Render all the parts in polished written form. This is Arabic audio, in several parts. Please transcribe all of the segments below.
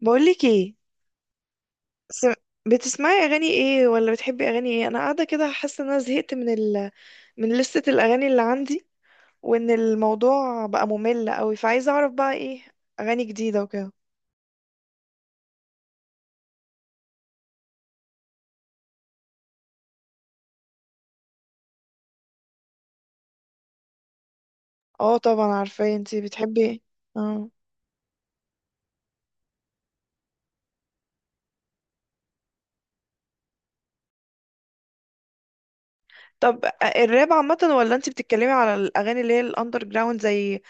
بقولك ايه، سم... بتسمعي اغاني ايه، ولا بتحبي اغاني ايه؟ انا قاعده كده حاسه ان انا زهقت من لستة الاغاني اللي عندي، وان الموضوع بقى ممل قوي، فعايزه اعرف بقى ايه اغاني جديده وكده. اه طبعا عارفاه، انتي بتحبي ايه؟ اه، طب الراب عامه، ولا انتي بتتكلمي على الاغاني اللي هي الاندر جراوند، زي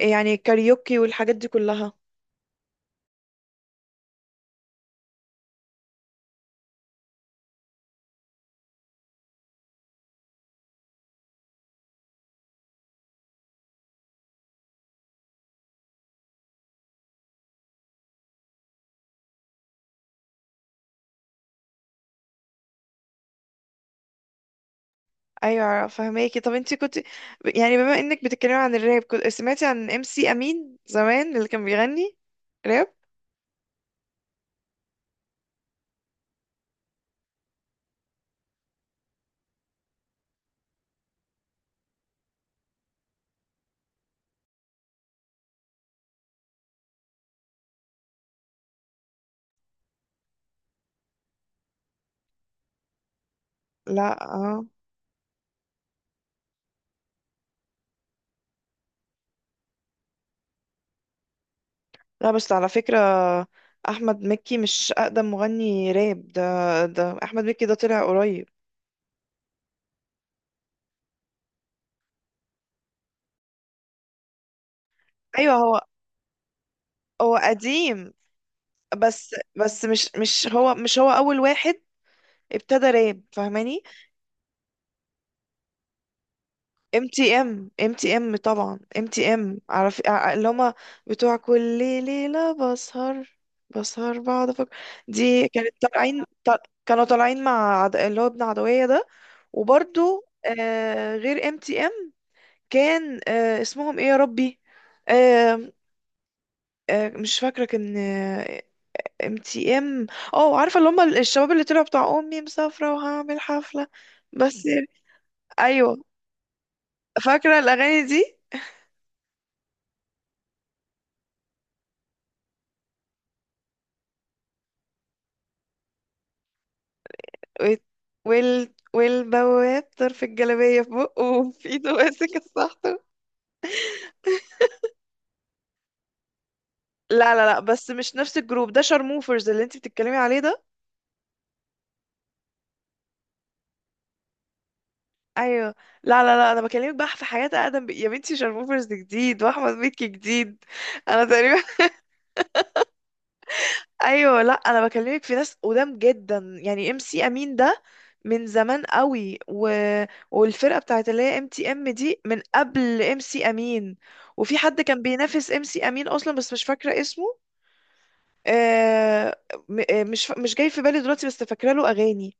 يعني كاريوكي والحاجات دي كلها؟ ايوه فهماكي. طب انتي كنت، يعني بما انك بتتكلمي عن الراب، كنت سمعتي عن ام سي امين زمان اللي كان بيغني راب؟ لا اه. لا بس على فكرة، أحمد مكي مش أقدم مغني راب. ده أحمد مكي ده طلع قريب. أيوه هو قديم، بس مش هو أول واحد ابتدى راب، فاهماني؟ ام تي ام طبعا، ام تي ام عارف، اللي هما بتوع كل ليلة بسهر بقعد أفكر. دي كانت طالعين، كانوا طالعين مع اللي هو ابن عدوية ده. وبرضو، غير ام تي ام كان، اسمهم ايه يا ربي؟ آه مش فاكرة، كان، ام تي ام، اه، عارفة اللي هم الشباب اللي طلعوا بتاع امي مسافرة وهعمل حفلة؟ بس ايوه، فاكرة الاغاني دي. ويت- والبواب طرف الجلابية في بقه وفي ايده ماسك السحطة. لا لا لا، بس مش نفس الجروب ده، شارموفرز اللي انت بتتكلمي عليه ده. ايوه، لا لا لا، انا بكلمك بقى في حياة اقدم، يا بنتي، شارموفرز جديد واحمد مكي جديد. انا تقريبا، ايوه، لا، انا بكلمك في ناس قدام جدا، يعني ام سي امين ده من زمان قوي، والفرقه بتاعت اللي هي ام تي ام دي من قبل ام سي امين. وفي حد كان بينافس ام سي امين اصلا بس مش فاكره اسمه، آه... م... آه، مش ف... مش جاي في بالي دلوقتي بس فاكره له اغاني.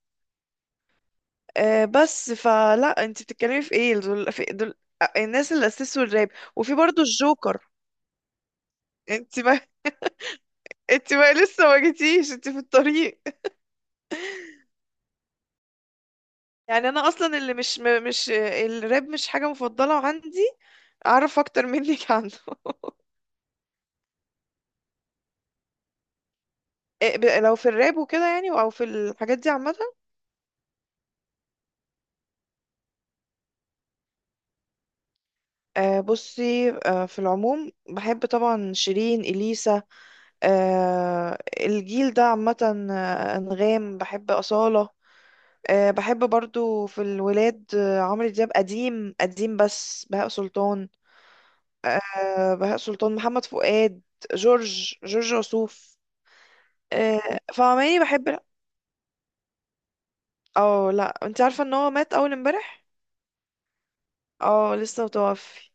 بس فلا، انت بتتكلمي في ايه؟ دول... في... دول... آه، الناس اللي اسسوا الراب، وفي برضو الجوكر. انت ما انت ما لسه ما جيتيش، انت في الطريق. يعني انا اصلا اللي مش الراب مش حاجه مفضله عندي، اعرف اكتر منك عنه. إيه، لو في الراب وكده يعني، او في الحاجات دي عامه؟ بصي، في العموم بحب طبعا شيرين، اليسا، الجيل ده عامه، انغام، بحب اصاله. بحب برضو في الولاد، عمرو دياب قديم قديم، بس بهاء سلطان. بهاء سلطان، محمد فؤاد، جورج وسوف. فعماني بحب. اه لا، انت عارفة ان هو مات اول امبارح. اه، لسه متوفي.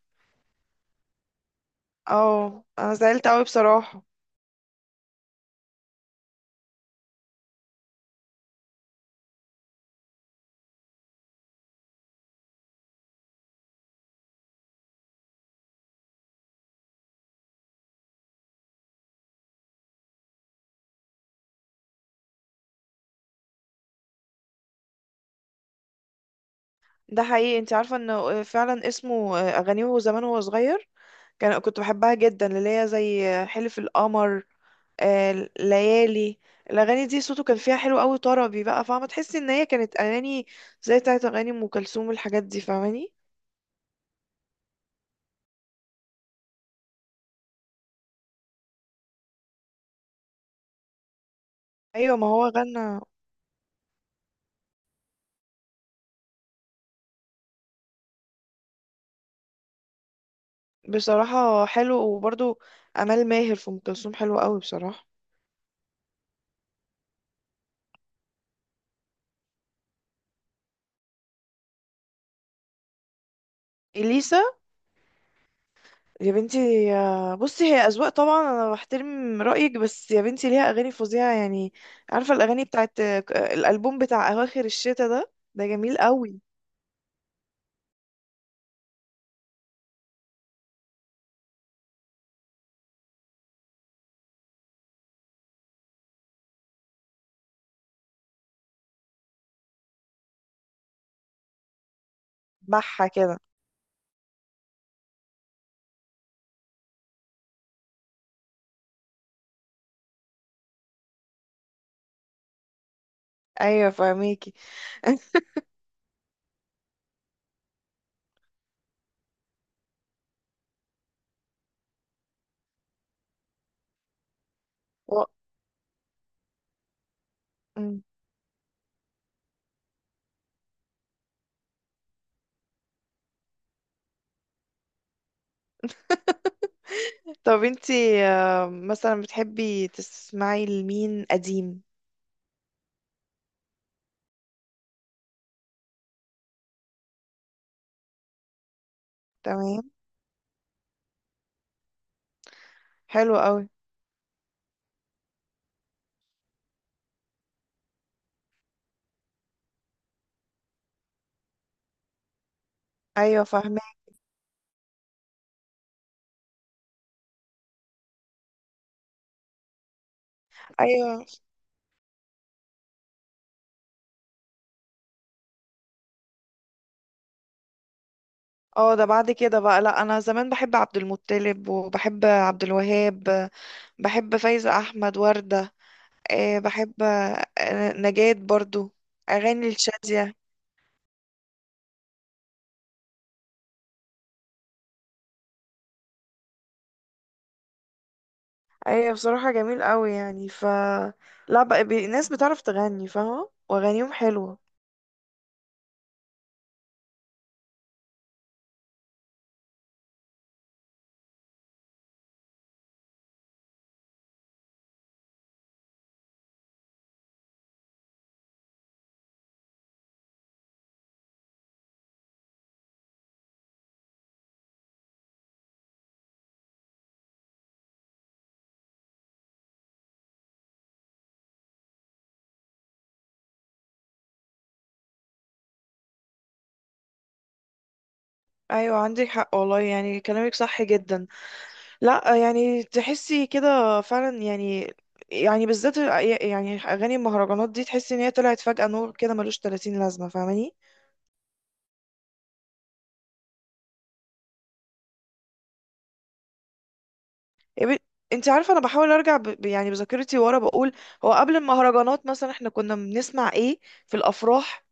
اه انا زعلت قوي بصراحة. ده حقيقي. انت عارفة انه فعلا اسمه آه، اغانيه وهو زمان وهو صغير، كنت بحبها جدا، اللي هي زي حلف القمر، ليالي. الاغاني دي صوته كان فيها حلو قوي طربي بقى، فاهمة؟ تحسي ان هي كانت اغاني زي بتاعت اغاني ام كلثوم والحاجات دي، فاهماني؟ ايوه ما هو غنى. بصراحة حلو. وبرضو امال ماهر في ام كلثوم حلو قوي بصراحة. اليسا؟ يا بنتي، بصي، هي أذواق طبعا، أنا بحترم رأيك، بس يا بنتي، ليها أغاني فظيعة يعني. عارفة الأغاني بتاعت، الألبوم بتاع أواخر الشتا ده جميل قوي. بحة كده. أيوة فاهميكي. و- مم. طب انتي، مثلا بتحبي تسمعي لمين قديم؟ تمام، حلو قوي. ايوه فاهمه. ايوه، اه، ده بعد كده بقى. لا، انا زمان بحب عبد المطلب وبحب عبد الوهاب، بحب فايزة احمد، وردة، بحب نجاة برضو، اغاني الشادية. ايوه بصراحة جميل قوي يعني لا بقى، الناس بتعرف تغني، فاهمة؟ واغانيهم حلوة. ايوه عندك حق والله، يعني كلامك صح جدا. لا، يعني تحسي كده فعلا يعني. يعني بالذات، يعني اغاني المهرجانات دي، تحسي ان هي طلعت فجأة نور كده ملوش 30 لازمة، فاهماني؟ إيه، انت عارفة انا بحاول ارجع، يعني بذاكرتي ورا، بقول هو قبل المهرجانات مثلا احنا كنا بنسمع ايه في الافراح؟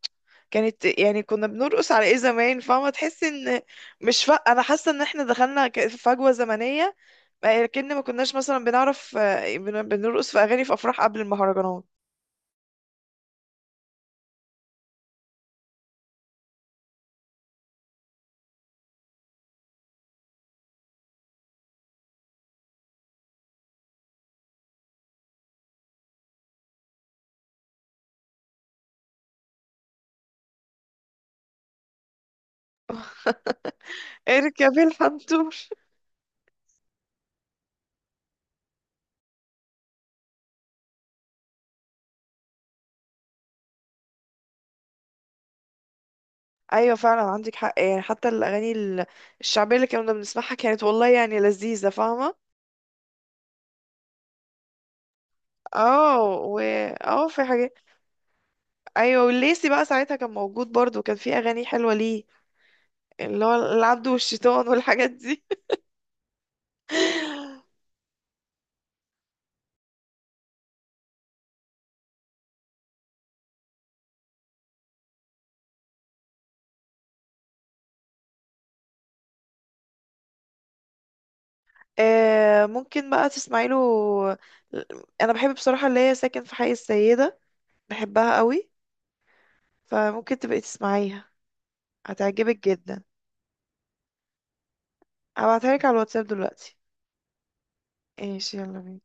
كانت يعني كنا بنرقص على ايه زمان؟ فاهمة؟ تحس ان، مش ف... انا حاسة ان احنا دخلنا، في فجوة زمنية. لكن ما كناش مثلا بنعرف، بنرقص في اغاني في افراح قبل المهرجانات. اركبي الحنطور. ايوه فعلا عندك حق، يعني حتى الاغاني الشعبية اللي كنا بنسمعها كانت والله يعني لذيذة، فاهمة؟ اه، اه، في حاجات. ايوه، والليسي بقى ساعتها كان موجود برضو، كان في اغاني حلوة ليه، اللي هو العبد والشيطان والحاجات دي. ممكن بقى تسمعي له. انا بحب بصراحة اللي هي ساكن في حي السيدة، بحبها قوي. فممكن تبقي تسمعيها، هتعجبك جدا. هبعتها لك على الواتساب دلوقتي. ايش، يلا بينا.